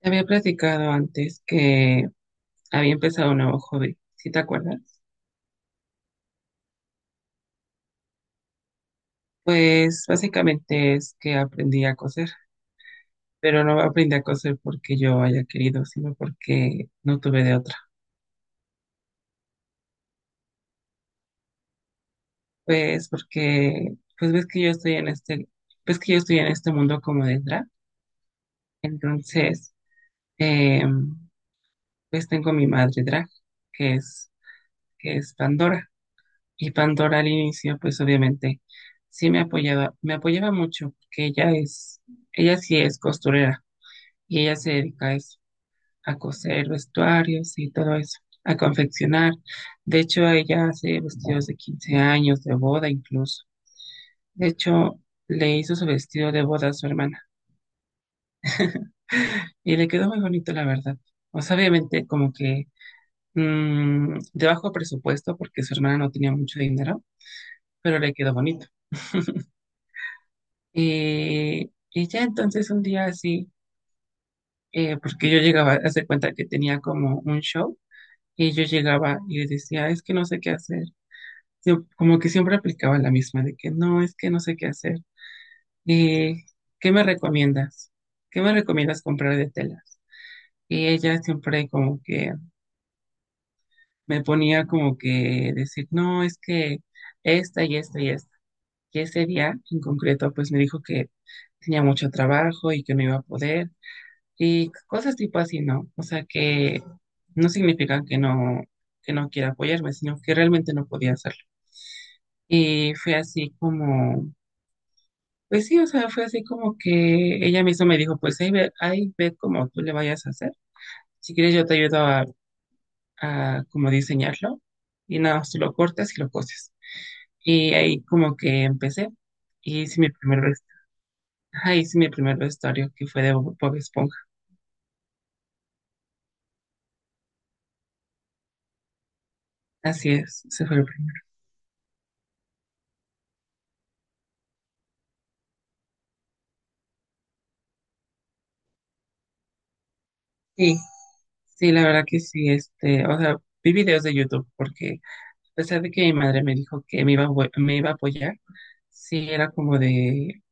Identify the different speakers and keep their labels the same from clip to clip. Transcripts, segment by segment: Speaker 1: Te había platicado antes que había empezado un nuevo hobby, ¿si te acuerdas? Pues básicamente es que aprendí a coser, pero no aprendí a coser porque yo haya querido, sino porque no tuve de otra. Pues porque, pues ves que yo estoy en este mundo como de drag, entonces, eh, pues tengo mi madre drag, que es, que es Pandora. Y Pandora al inicio, pues obviamente sí me apoyaba mucho, porque ella sí es costurera y ella se dedica a eso, a coser vestuarios y todo eso, a confeccionar. De hecho, ella hace vestidos de 15 años, de boda incluso. De hecho, le hizo su vestido de boda a su hermana y le quedó muy bonito, la verdad. O sea, obviamente como que de bajo presupuesto, porque su hermana no tenía mucho dinero, pero le quedó bonito. Y ya entonces un día así, porque yo llegaba, hace cuenta que tenía como un show, y yo llegaba y le decía, es que no sé qué hacer. Como que siempre aplicaba la misma, de que no, es que no sé qué hacer. Eh, ¿Qué me recomiendas? ¿Qué me recomiendas comprar de telas? Y ella siempre como que me ponía como que decir, no, es que esta y esta y esta. Y ese día en concreto, pues me dijo que tenía mucho trabajo y que no iba a poder. Y cosas tipo así, ¿no? O sea, que no significan que no quiera apoyarme, sino que realmente no podía hacerlo. Y fue así como, pues sí, o sea, fue así como que ella misma me dijo, pues ahí ve cómo tú le vayas a hacer. Si quieres yo te ayudo a, como diseñarlo y nada, más tú lo cortas y lo coses. Y ahí como que empecé y hice mi primer, vest- ajá, hice mi primer vestuario que fue de Bob Esponja. Así es, se fue el primer. Sí, la verdad que sí, este, o sea, vi videos de YouTube porque a pesar de que mi madre me dijo que me iba a apoyar, sí era como de,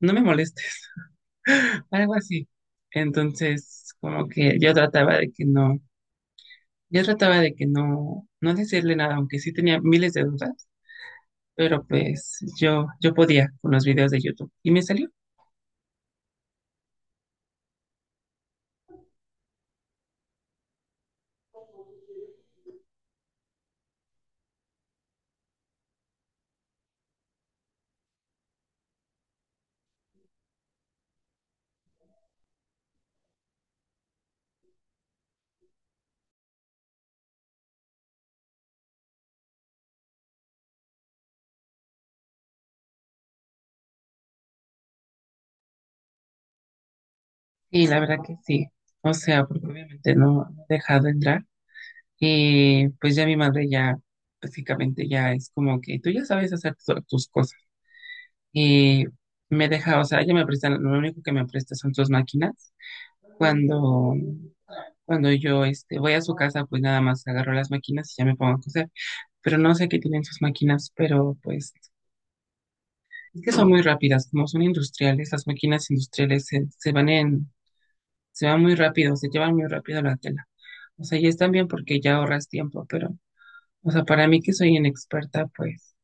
Speaker 1: no me molestes, algo así. Entonces, como que yo trataba de que no, no decirle nada, aunque sí tenía miles de dudas, pero pues yo podía con los videos de YouTube y me salió. Sí, la verdad que sí. O sea, porque obviamente no, no he dejado entrar. Pues ya mi madre ya básicamente ya es como que tú ya sabes hacer tus cosas. Y me deja, o sea, ella me presta, lo único que me presta son sus máquinas. Cuando, cuando yo voy a su casa, pues nada más agarro las máquinas y ya me pongo a coser. Pero no sé qué tienen sus máquinas, pero pues es que son muy rápidas, como son industriales, las máquinas industriales se van muy rápido, se llevan muy rápido la tela. O sea, y están bien porque ya ahorras tiempo, pero, o sea, para mí que soy inexperta, pues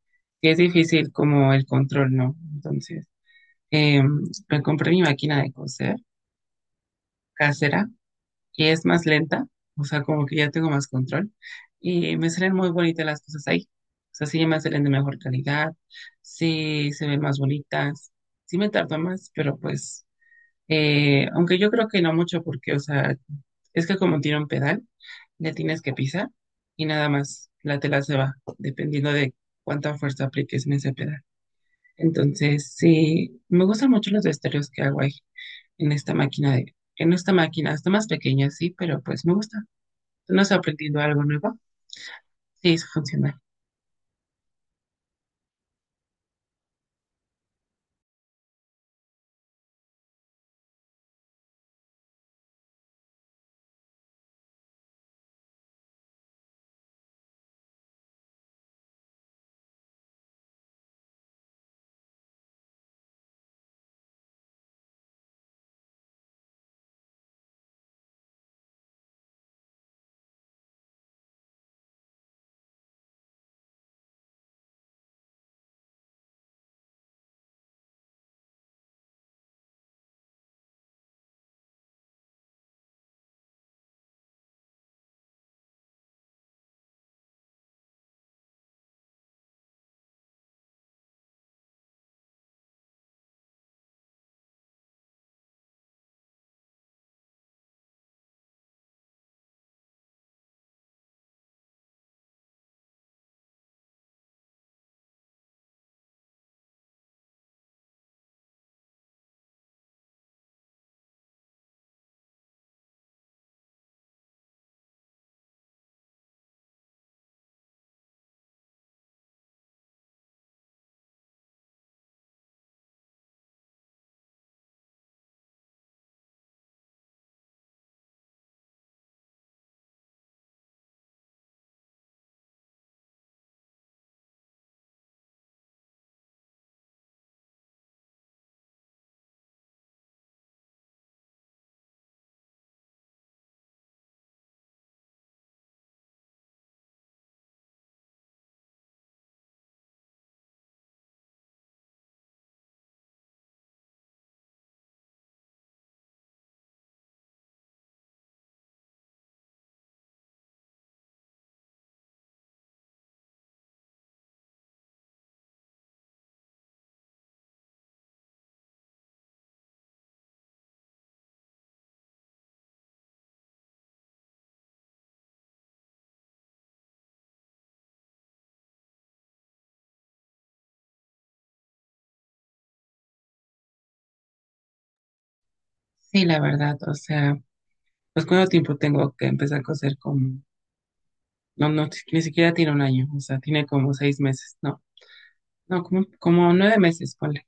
Speaker 1: sí es difícil como el control, ¿no? Entonces, eh, me compré mi máquina de coser casera y es más lenta, o sea, como que ya tengo más control y me salen muy bonitas las cosas ahí. O sea, sí me salen de mejor calidad, sí se ven más bonitas, sí me tardo más, pero pues, aunque yo creo que no mucho porque, o sea, es que como tiene un pedal, le tienes que pisar y nada más la tela se va, dependiendo de cuánta fuerza apliques en ese pedal. Entonces, sí, me gustan mucho los estéreos que hago ahí, en esta máquina, está más pequeña, sí, pero pues me gusta. ¿Tú no has aprendido algo nuevo? Sí, es funcional. Sí, la verdad, o sea, pues cuánto tiempo tengo que empezar a coser como, no, no, ni siquiera tiene un año, o sea, tiene como 6 meses, no, no, como 9 meses, ponle,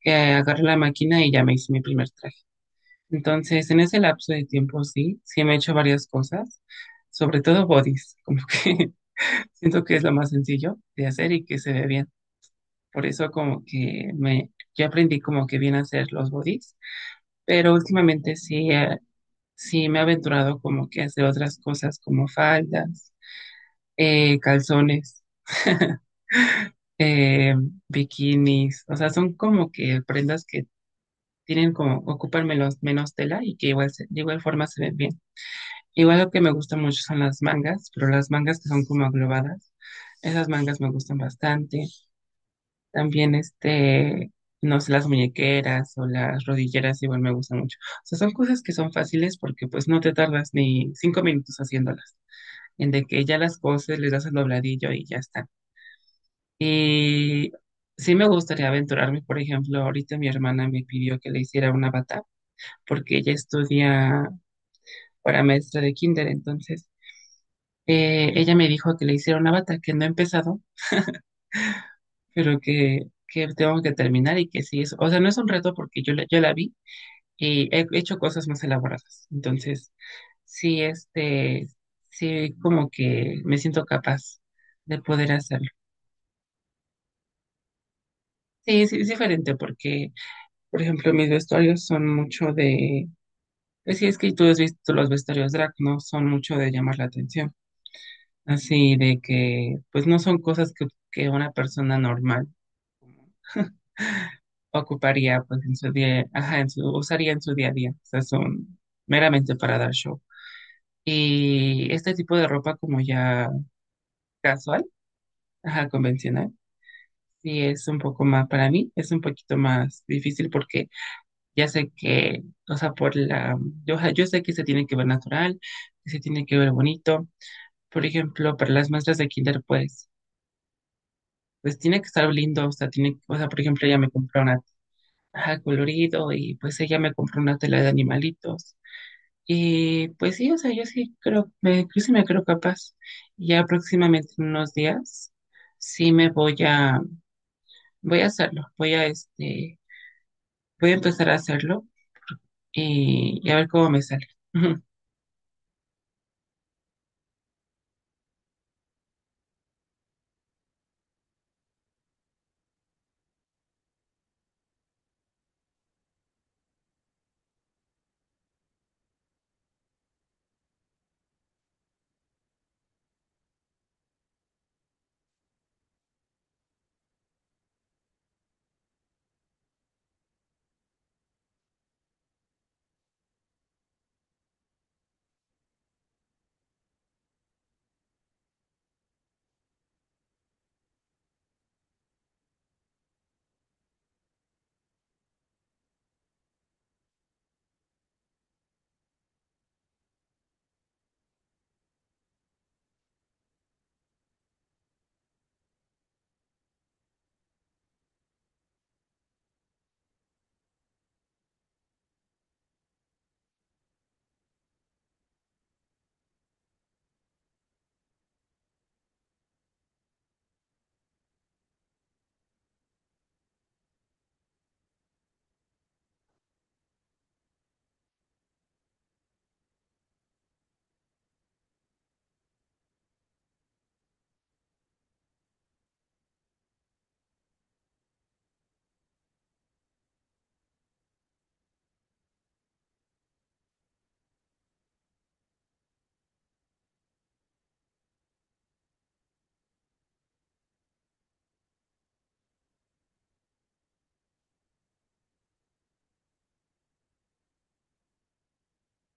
Speaker 1: que agarré la máquina y ya me hice mi primer traje. Entonces, en ese lapso de tiempo, sí, sí me he hecho varias cosas, sobre todo bodies, como que siento que es lo más sencillo de hacer y que se ve bien. Por eso como que me, yo aprendí como que bien a hacer los bodies, pero últimamente sí, sí me he aventurado como que a hacer otras cosas como faldas, calzones, eh, bikinis, o sea, son como que prendas que tienen como, ocupan menos tela y que igual, de igual forma se ven bien. Igual lo que me gusta mucho son las mangas, pero las mangas que son como aglobadas, esas mangas me gustan bastante. También no sé, las muñequeras o las rodilleras igual me gustan mucho. O sea, son cosas que son fáciles porque pues no te tardas ni 5 minutos haciéndolas. En de que ya las coses, les das el dobladillo y ya está. Y sí me gustaría aventurarme, por ejemplo, ahorita mi hermana me pidió que le hiciera una bata porque ella estudia para maestra de kinder. Entonces, ella me dijo que le hiciera una bata, que no he empezado, pero que tengo que terminar y que sí es, o sea, no es un reto porque yo la vi y he hecho cosas más elaboradas. Entonces, sí, sí, como que me siento capaz de poder hacerlo. Sí, sí, es diferente porque, por ejemplo, mis vestuarios son mucho de, es que tú has visto los vestuarios drag, ¿no? Son mucho de llamar la atención. Así de que, pues no son cosas que, una persona normal ocuparía pues en su día, ajá, usaría en su día a día. O sea, son meramente para dar show. Y este tipo de ropa como ya casual, ajá, convencional, sí es un poco más, para mí es un poquito más difícil porque ya sé que, o sea, ajá, yo sé que se tiene que ver natural, que se tiene que ver bonito. Por ejemplo, para las muestras de kinder, pues, tiene que estar lindo, o sea, o sea, por ejemplo, ella me compró una, ajá, colorido y pues ella me compró una tela de animalitos. Y pues sí, o sea, yo sí creo, yo sí me creo capaz. Ya próximamente en unos días, sí voy a hacerlo, voy a empezar a hacerlo y a ver cómo me sale.